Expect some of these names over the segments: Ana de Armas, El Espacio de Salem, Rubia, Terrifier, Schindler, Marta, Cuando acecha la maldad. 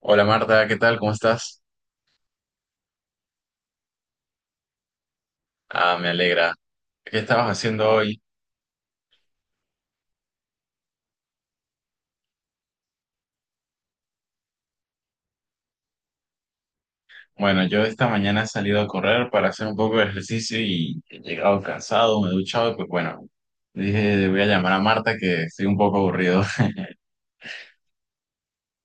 Hola Marta, ¿qué tal? ¿Cómo estás? Ah, me alegra. ¿Qué estabas haciendo hoy? Bueno, yo esta mañana he salido a correr para hacer un poco de ejercicio y he llegado cansado, me he duchado y pues bueno, dije, le voy a llamar a Marta que estoy un poco aburrido.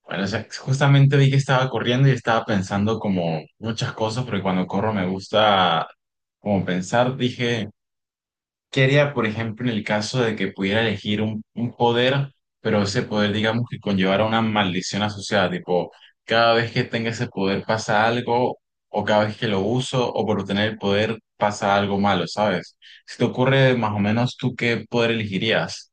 Bueno, o sea, justamente vi que estaba corriendo y estaba pensando como muchas cosas, porque cuando corro me gusta como pensar, dije, ¿qué haría, por ejemplo, en el caso de que pudiera elegir un poder, pero ese poder, digamos, que conllevara una maldición asociada? Tipo, cada vez que tenga ese poder pasa algo, o cada vez que lo uso, o por obtener el poder pasa algo malo, ¿sabes? Si te ocurre más o menos, ¿tú qué poder elegirías?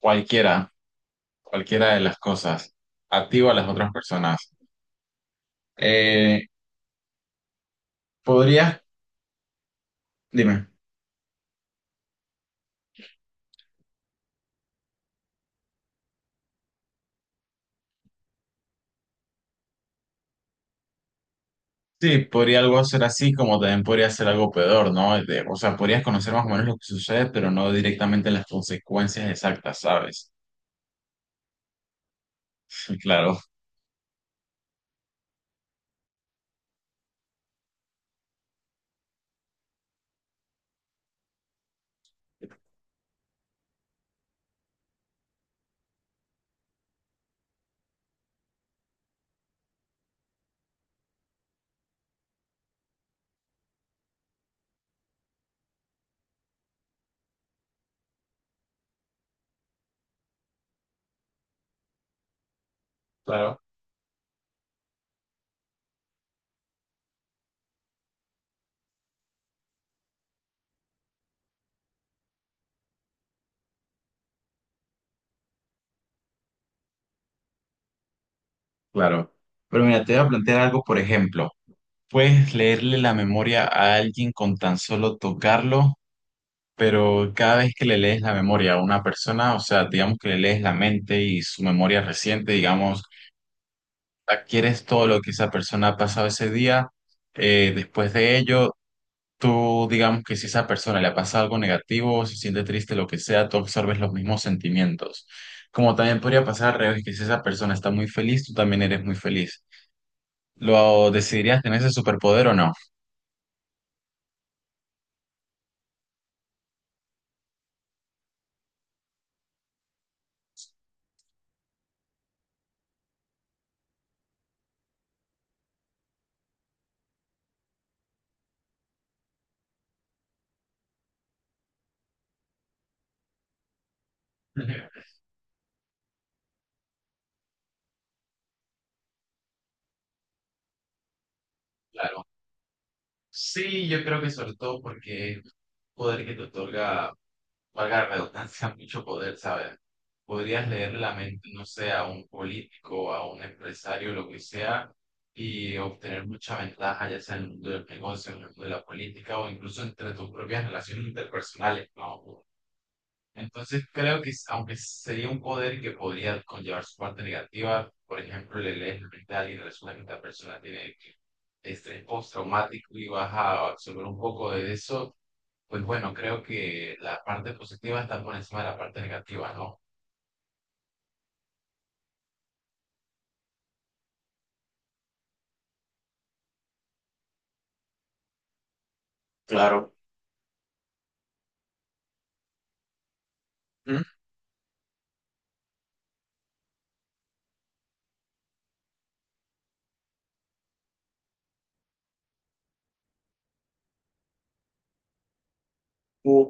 Cualquiera, cualquiera de las cosas. A ti o a las otras personas. Eh, ¿Podrías? Dime. Sí, podría algo ser así, como también podría ser algo peor, ¿no? O sea, podrías conocer más o menos lo que sucede, pero no directamente las consecuencias exactas, ¿sabes? Claro, claro, claro. Pero mira, te voy a plantear algo, por ejemplo, puedes leerle la memoria a alguien con tan solo tocarlo, pero cada vez que le lees la memoria a una persona, o sea, digamos que le lees la mente y su memoria reciente, digamos, adquieres todo lo que esa persona ha pasado ese día. Después de ello, tú, digamos que si a esa persona le pasa algo negativo o se siente triste, lo que sea, tú absorbes los mismos sentimientos. Como también podría pasar al revés, que si esa persona está muy feliz, tú también eres muy feliz. ¿Lo decidirías tener ese superpoder o no? Claro. Sí, yo creo que sobre todo porque es un poder que te otorga, valga la redundancia, mucho poder, ¿sabes? Podrías leer la mente, no sé, a un político, a un empresario, lo que sea, y obtener mucha ventaja, ya sea en el mundo del negocio, en el mundo de la política o incluso entre tus propias relaciones interpersonales, ¿no? Entonces creo que aunque sería un poder que podría conllevar su parte negativa, por ejemplo, le lees la mente a alguien y resulta que esta persona tiene estrés postraumático y vas a absorber un poco de eso, pues bueno, creo que la parte positiva está por encima de la parte negativa, ¿no? Claro. Uh,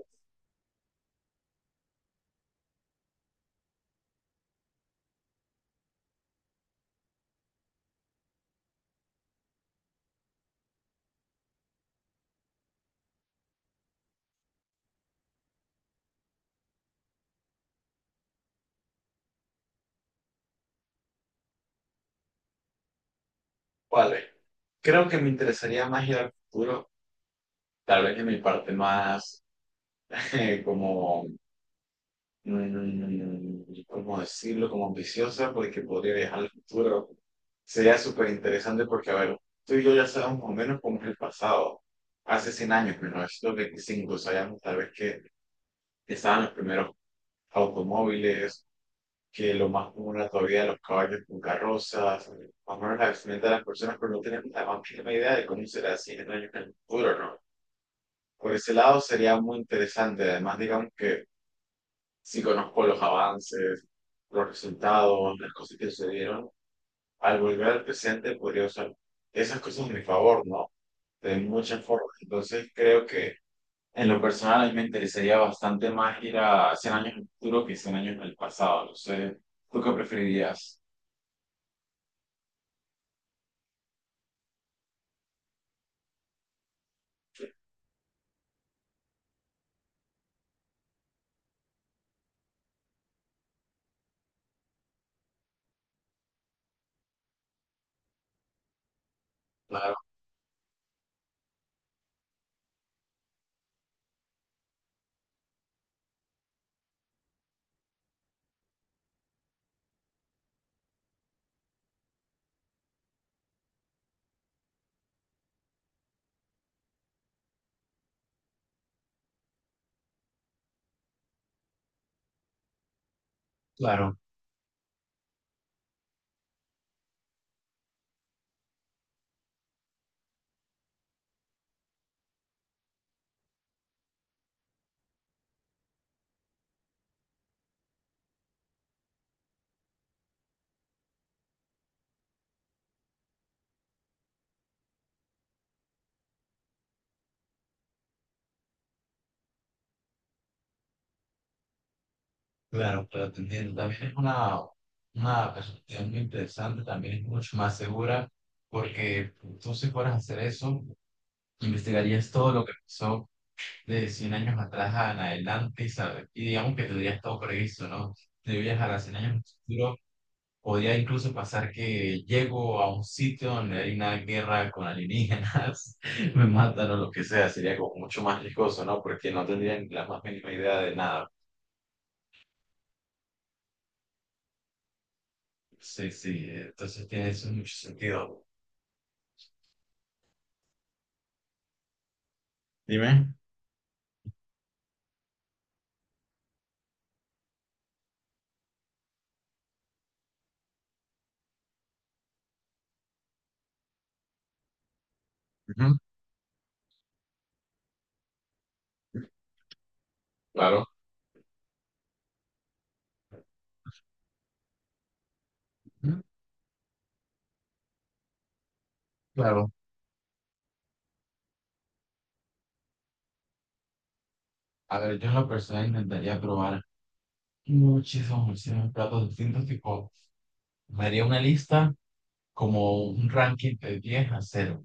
vale. Creo que me interesaría más ir al futuro, tal vez en mi parte más como ¿cómo decirlo? Como ambiciosa, porque podría viajar al futuro. Sería súper interesante porque, a ver, tú y yo ya sabemos más o menos cómo es el pasado. Hace 100 años, 1925 sabíamos tal vez que estaban los primeros automóviles, que lo más común era todavía los caballos con carrozas, más o menos la vestimenta de las personas, pero no tenemos la más mínima idea de cómo será 100 años en el futuro, ¿no? Por ese lado sería muy interesante. Además, digamos que sí conozco los avances, los resultados, las cosas que sucedieron, al volver al presente podría usar esas cosas a mi favor, ¿no? De muchas formas. Entonces creo que en lo personal a mí me interesaría bastante más ir a 100 años en el futuro que 100 años en el pasado. No sé, ¿tú qué preferirías? Claro, claro, claro, te entiendo. También es una perspectiva muy interesante, también es mucho más segura, porque tú si fueras a hacer eso, investigarías todo lo que pasó de 100 años atrás en adelante, ¿sabes? Y digamos que tendría todo previsto, ¿no? De viajar a 100 años en el futuro, podría incluso pasar que llego a un sitio donde hay una guerra con alienígenas, me matan o lo que sea, sería como mucho más riesgoso, ¿no? Porque no tendrían la más mínima idea de nada. Sí, sí, entonces tiene eso mucho sentido. Dime. Ujú. Claro. Ujú, claro. A ver, yo en la persona intentaría probar muchísimos, muchísimos platos distintos, tipo, me haría una lista como un ranking de 10 a 0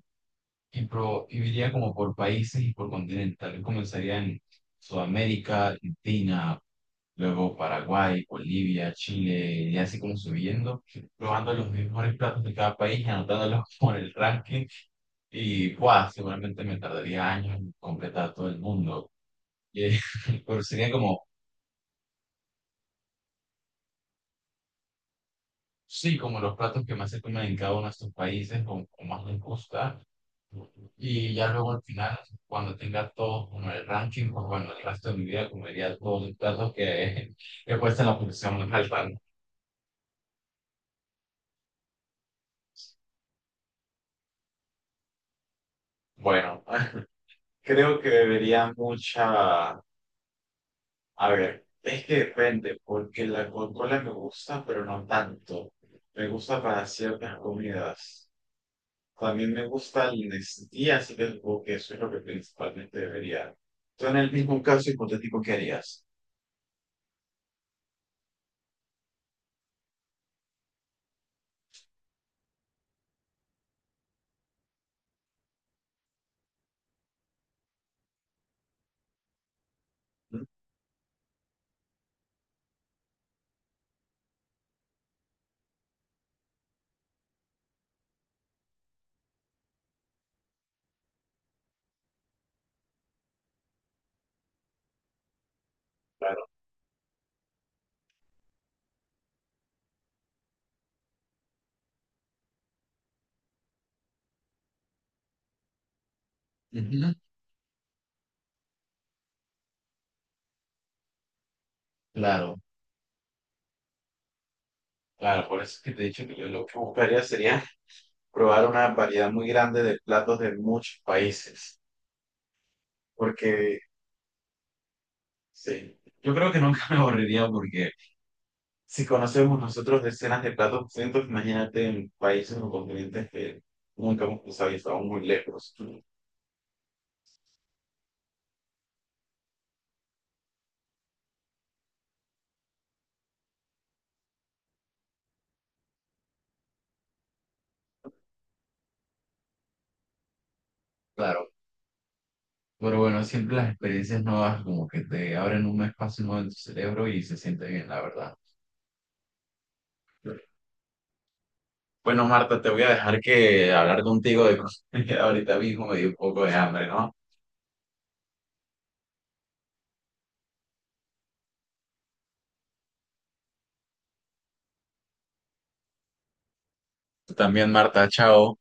y, y iría como por países y por continentes. Tal vez comenzaría en Sudamérica, Argentina, luego Paraguay, Bolivia, Chile, y así como subiendo, probando los mejores platos de cada país, y anotándolos por el ranking. Y ¡guau! Seguramente me tardaría años en completar todo el mundo. Y, pero sería como sí, como los platos que más se comen en cada uno de estos países o más les gusta. Y ya luego al final, cuando tenga todo como el ranking, pues bueno, el resto de mi vida comería todos los platos que he puesto en la posición más alta. ¿No? Bueno, creo que bebería mucha... A ver, es que depende, porque la Coca-Cola me gusta, pero no tanto. Me gusta para ciertas comidas. También me gusta la honestidad, así que supongo que eso es lo que principalmente debería. Tú en el mismo caso hipotético, ¿qué harías? ¿Mm? Claro, ujú, claro, claro. Por eso es que te he dicho que yo lo que buscaría sería probar una variedad muy grande de platos de muchos países. Porque, sí, yo creo que nunca me aburriría porque si conocemos nosotros decenas de platos distintos, imagínate en países o continentes que nunca hemos cruzado y estamos muy lejos. Claro. Pero bueno, siempre las experiencias nuevas como que te abren un espacio nuevo en tu cerebro y se siente bien, la verdad. Bueno, Marta, te voy a dejar que hablar contigo de cosas que ahorita mismo me dio un poco de hambre, ¿no? Tú también, Marta, chao.